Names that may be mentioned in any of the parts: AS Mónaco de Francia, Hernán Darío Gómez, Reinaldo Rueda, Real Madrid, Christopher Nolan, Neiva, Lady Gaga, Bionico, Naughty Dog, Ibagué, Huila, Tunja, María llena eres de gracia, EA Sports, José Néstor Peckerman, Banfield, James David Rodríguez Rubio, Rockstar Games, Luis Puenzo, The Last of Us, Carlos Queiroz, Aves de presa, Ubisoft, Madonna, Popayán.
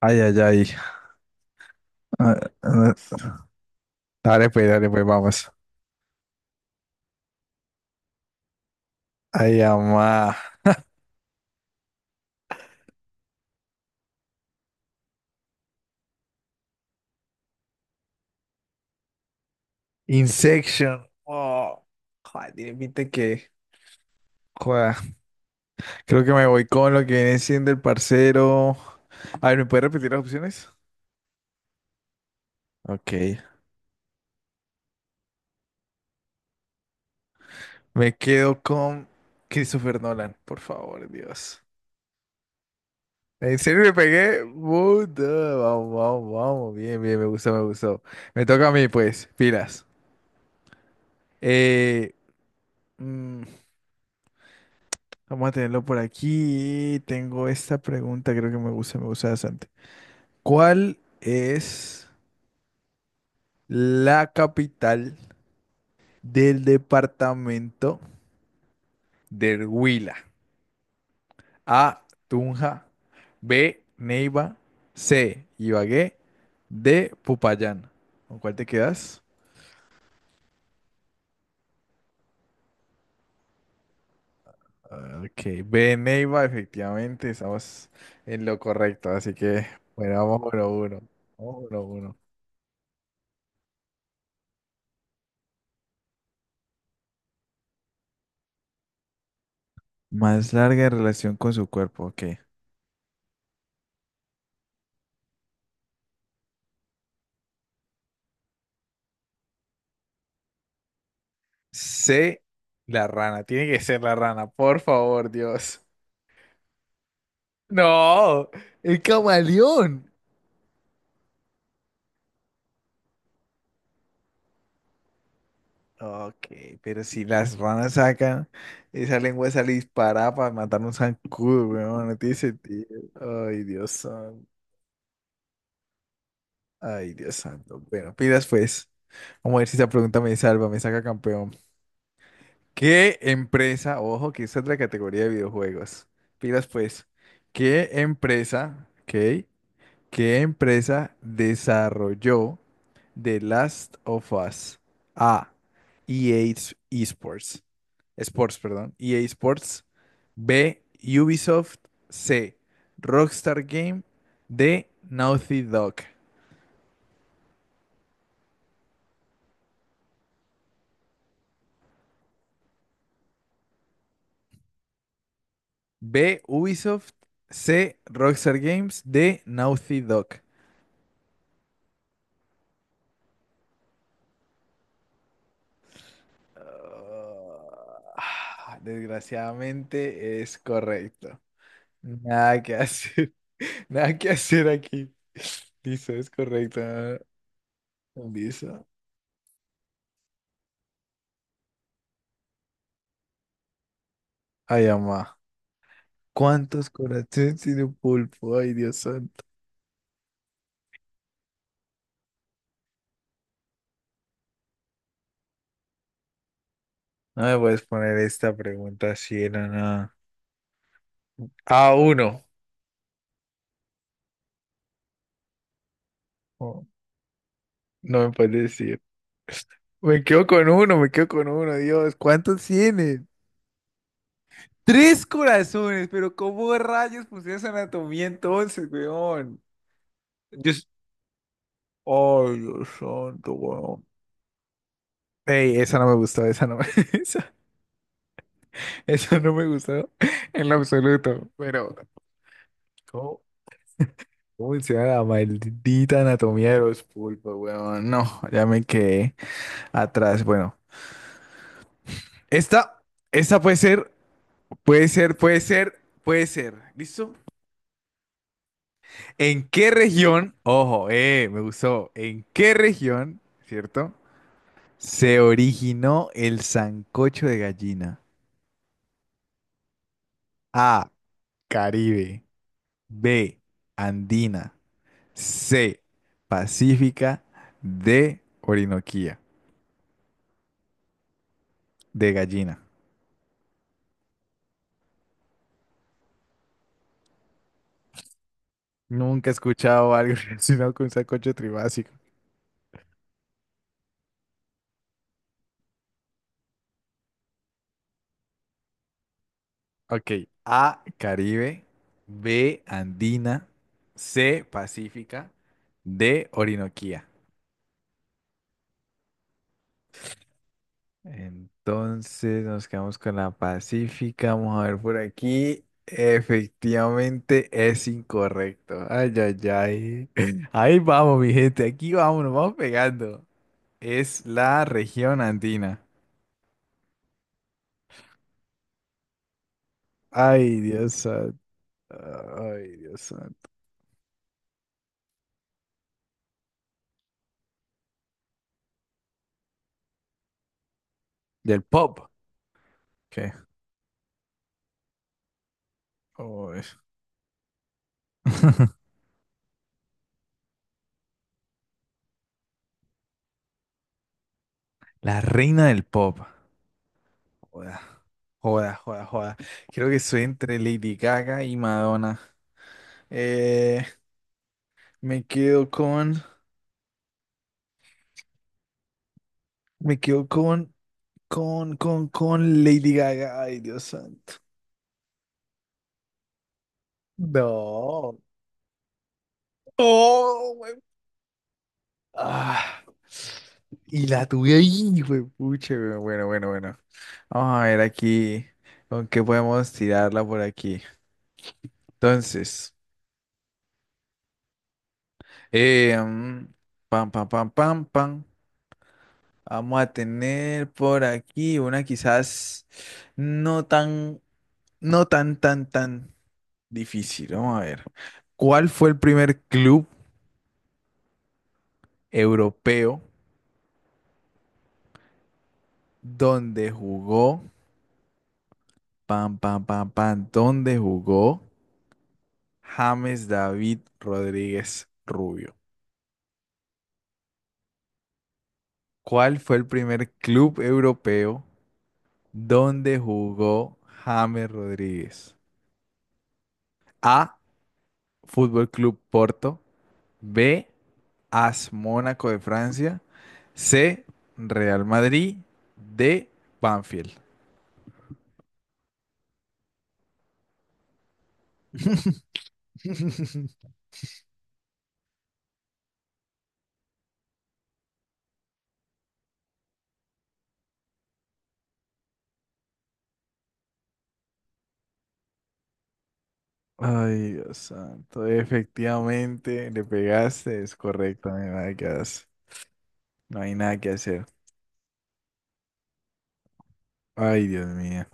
Ay, ay, ay. Ah, ah. Dale, pues, vamos. Ay, amá. Insection. Oh, joder, tiene pinta que. Joder. Creo que me voy con lo que viene siendo el parcero. A ver, ¿me puedes repetir las opciones? Ok. Me quedo con Christopher Nolan, por favor, Dios. ¿En serio me pegué? Puta, vamos, vamos, vamos. Bien, bien, me gustó, me gustó. Me toca a mí, pues. Pilas. Eh. mm, Vamos a tenerlo por aquí. Tengo esta pregunta, creo que me gusta bastante. ¿Cuál es la capital del departamento del Huila? A, Tunja. B, Neiva. C, Ibagué. D, Popayán. ¿Con cuál te quedas? Ah, ok, B, Neiva, efectivamente, estamos en lo correcto, así que bueno, vamos uno a uno. Vamos uno a uno. Más larga en relación con su cuerpo, ok. C, la rana. Tiene que ser la rana, por favor, Dios. No, el camaleón. Ok, pero si las ranas sacan esa lengua, sale disparada para matar un zancudo, weón. No tiene sentido. Ay, Dios santo. Ay, Dios santo. Bueno, pidas pues. Vamos a ver si esa pregunta me salva, me saca campeón. ¿Qué empresa, ojo, que esa es la categoría de videojuegos? Pidas pues. ¿Qué empresa, ok? ¿Qué empresa desarrolló The Last of Us? A. EA Sports. Sports, perdón. EA Sports. B. Ubisoft. C. Rockstar Game. D. Naughty Dog. B. Ubisoft. C. Rockstar Games. D. Naughty Dog. Ah, desgraciadamente es correcto. Nada que hacer. Nada que hacer aquí. Listo, es correcto. Listo. Ay, mamá. ¿Cuántos corazones tiene un pulpo? Ay, Dios santo. No me puedes poner esta pregunta así era nada. A uno. Oh, no me puedes decir. Me quedo con uno, me quedo con uno, Dios. ¿Cuántos tiene? Tres corazones, pero ¿cómo rayos pusieron esa anatomía entonces, weón? Yo... s- Ay, Dios santo, weón. Ey, esa no me gustó, esa no me, esa, esa no me gustó en lo absoluto. Pero, ¿cómo, cómo menciona la maldita anatomía de los pulpos, weón? No, ya me quedé atrás. Bueno, esta, esta puede ser, puede ser, puede ser, puede ser. ¿Listo? ¿En qué región, ojo, me gustó, ¿en qué región, cierto? Se originó el sancocho de gallina. A, Caribe. B, Andina. C. Pacífica. D. Orinoquía. De gallina. Nunca he escuchado algo relacionado con sacocho tribásico. Ok. A. Caribe. B. Andina. C. Pacífica. D. Orinoquía. Entonces nos quedamos con la Pacífica. Vamos a ver por aquí. Efectivamente es incorrecto. Ay, ay, ay. Ahí vamos, mi gente. Aquí vamos, nos vamos pegando. Es la región andina. Ay, Dios santo. Ay, Dios santo. Del pop. ¿Qué? Uy. La reina del pop. Joda, joda, joda, joda. Creo que soy entre Lady Gaga y Madonna. Eh, me quedo con. Me quedo con. Con Lady Gaga. Ay, Dios santo. No. ¡Oh! Ah, y la tuve ahí, güey, pucha, güey. Bueno, bueno, bueno. Vamos a ver aquí con qué podemos tirarla por aquí. Entonces, eh, mm, pam, pam, pam, pam, pam. Vamos a tener por aquí una quizás no tan, no tan, tan, tan difícil. Vamos a ver. ¿Cuál fue el primer club europeo donde jugó? Pam, pam, pam, pam. ¿Dónde jugó? James David Rodríguez Rubio. ¿Cuál fue el primer club europeo donde jugó James Rodríguez? A. Fútbol Club Porto. B. AS Mónaco de Francia. C. Real Madrid. D. Banfield. Ay, Dios santo. Efectivamente, le pegaste. Es correcto. No hay nada que hacer. No hay nada que hacer. Ay, Dios mío.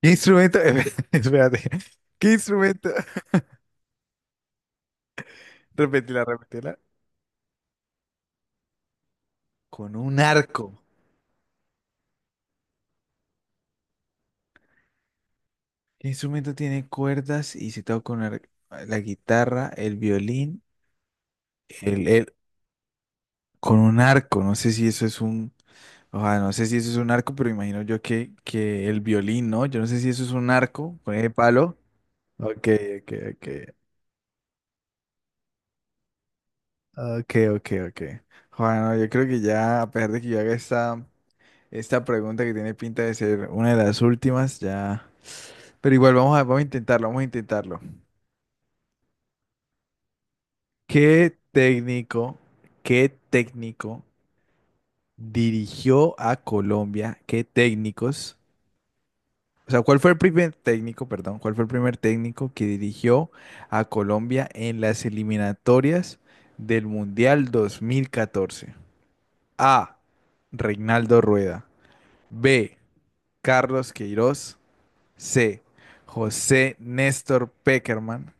¿Qué instrumento? Espérate. ¿Qué instrumento? Repetila, repetila. Con un arco. ¿Qué instrumento tiene cuerdas y se toca con la guitarra, el violín, el, el- con un arco? No sé si eso es un, ojalá, no sé si eso es un arco, pero imagino yo que el violín, ¿no? Yo no sé si eso es un arco con el palo. Ok, ok, ok. Ok, ok, ok. Bueno, yo creo que ya, a pesar de que yo haga esta pregunta que tiene pinta de ser una de las últimas, ya. Pero igual vamos a intentarlo, vamos a intentarlo. ¿Qué técnico, qué técnico dirigió a Colombia? ¿Qué técnicos? O sea, ¿cuál fue el primer técnico, perdón, cuál fue el primer técnico que dirigió a Colombia en las eliminatorias del Mundial 2014? A. Reinaldo Rueda. B. Carlos Queiroz. C. José Néstor Peckerman.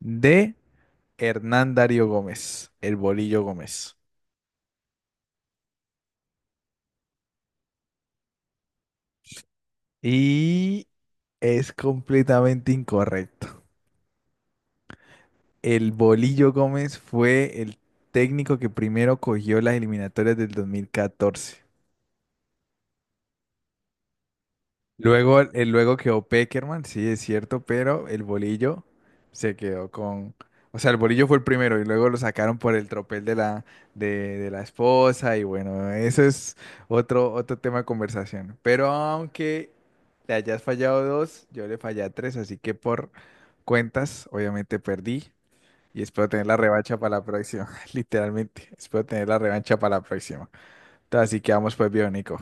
D. Hernán Darío Gómez, el Bolillo Gómez. Y es completamente incorrecto. El Bolillo Gómez fue el técnico que primero cogió las eliminatorias del 2014. Luego, luego quedó Peckerman, sí, es cierto, pero el bolillo se quedó con... O sea, el bolillo fue el primero y luego lo sacaron por el tropel de la, de, de la esposa y bueno, eso es otro tema de conversación. Pero aunque le hayas fallado dos, yo le fallé a tres, así que por cuentas, obviamente perdí y espero tener la revancha para la próxima, literalmente. Espero tener la revancha para la próxima. Entonces, así que vamos pues, Bionico.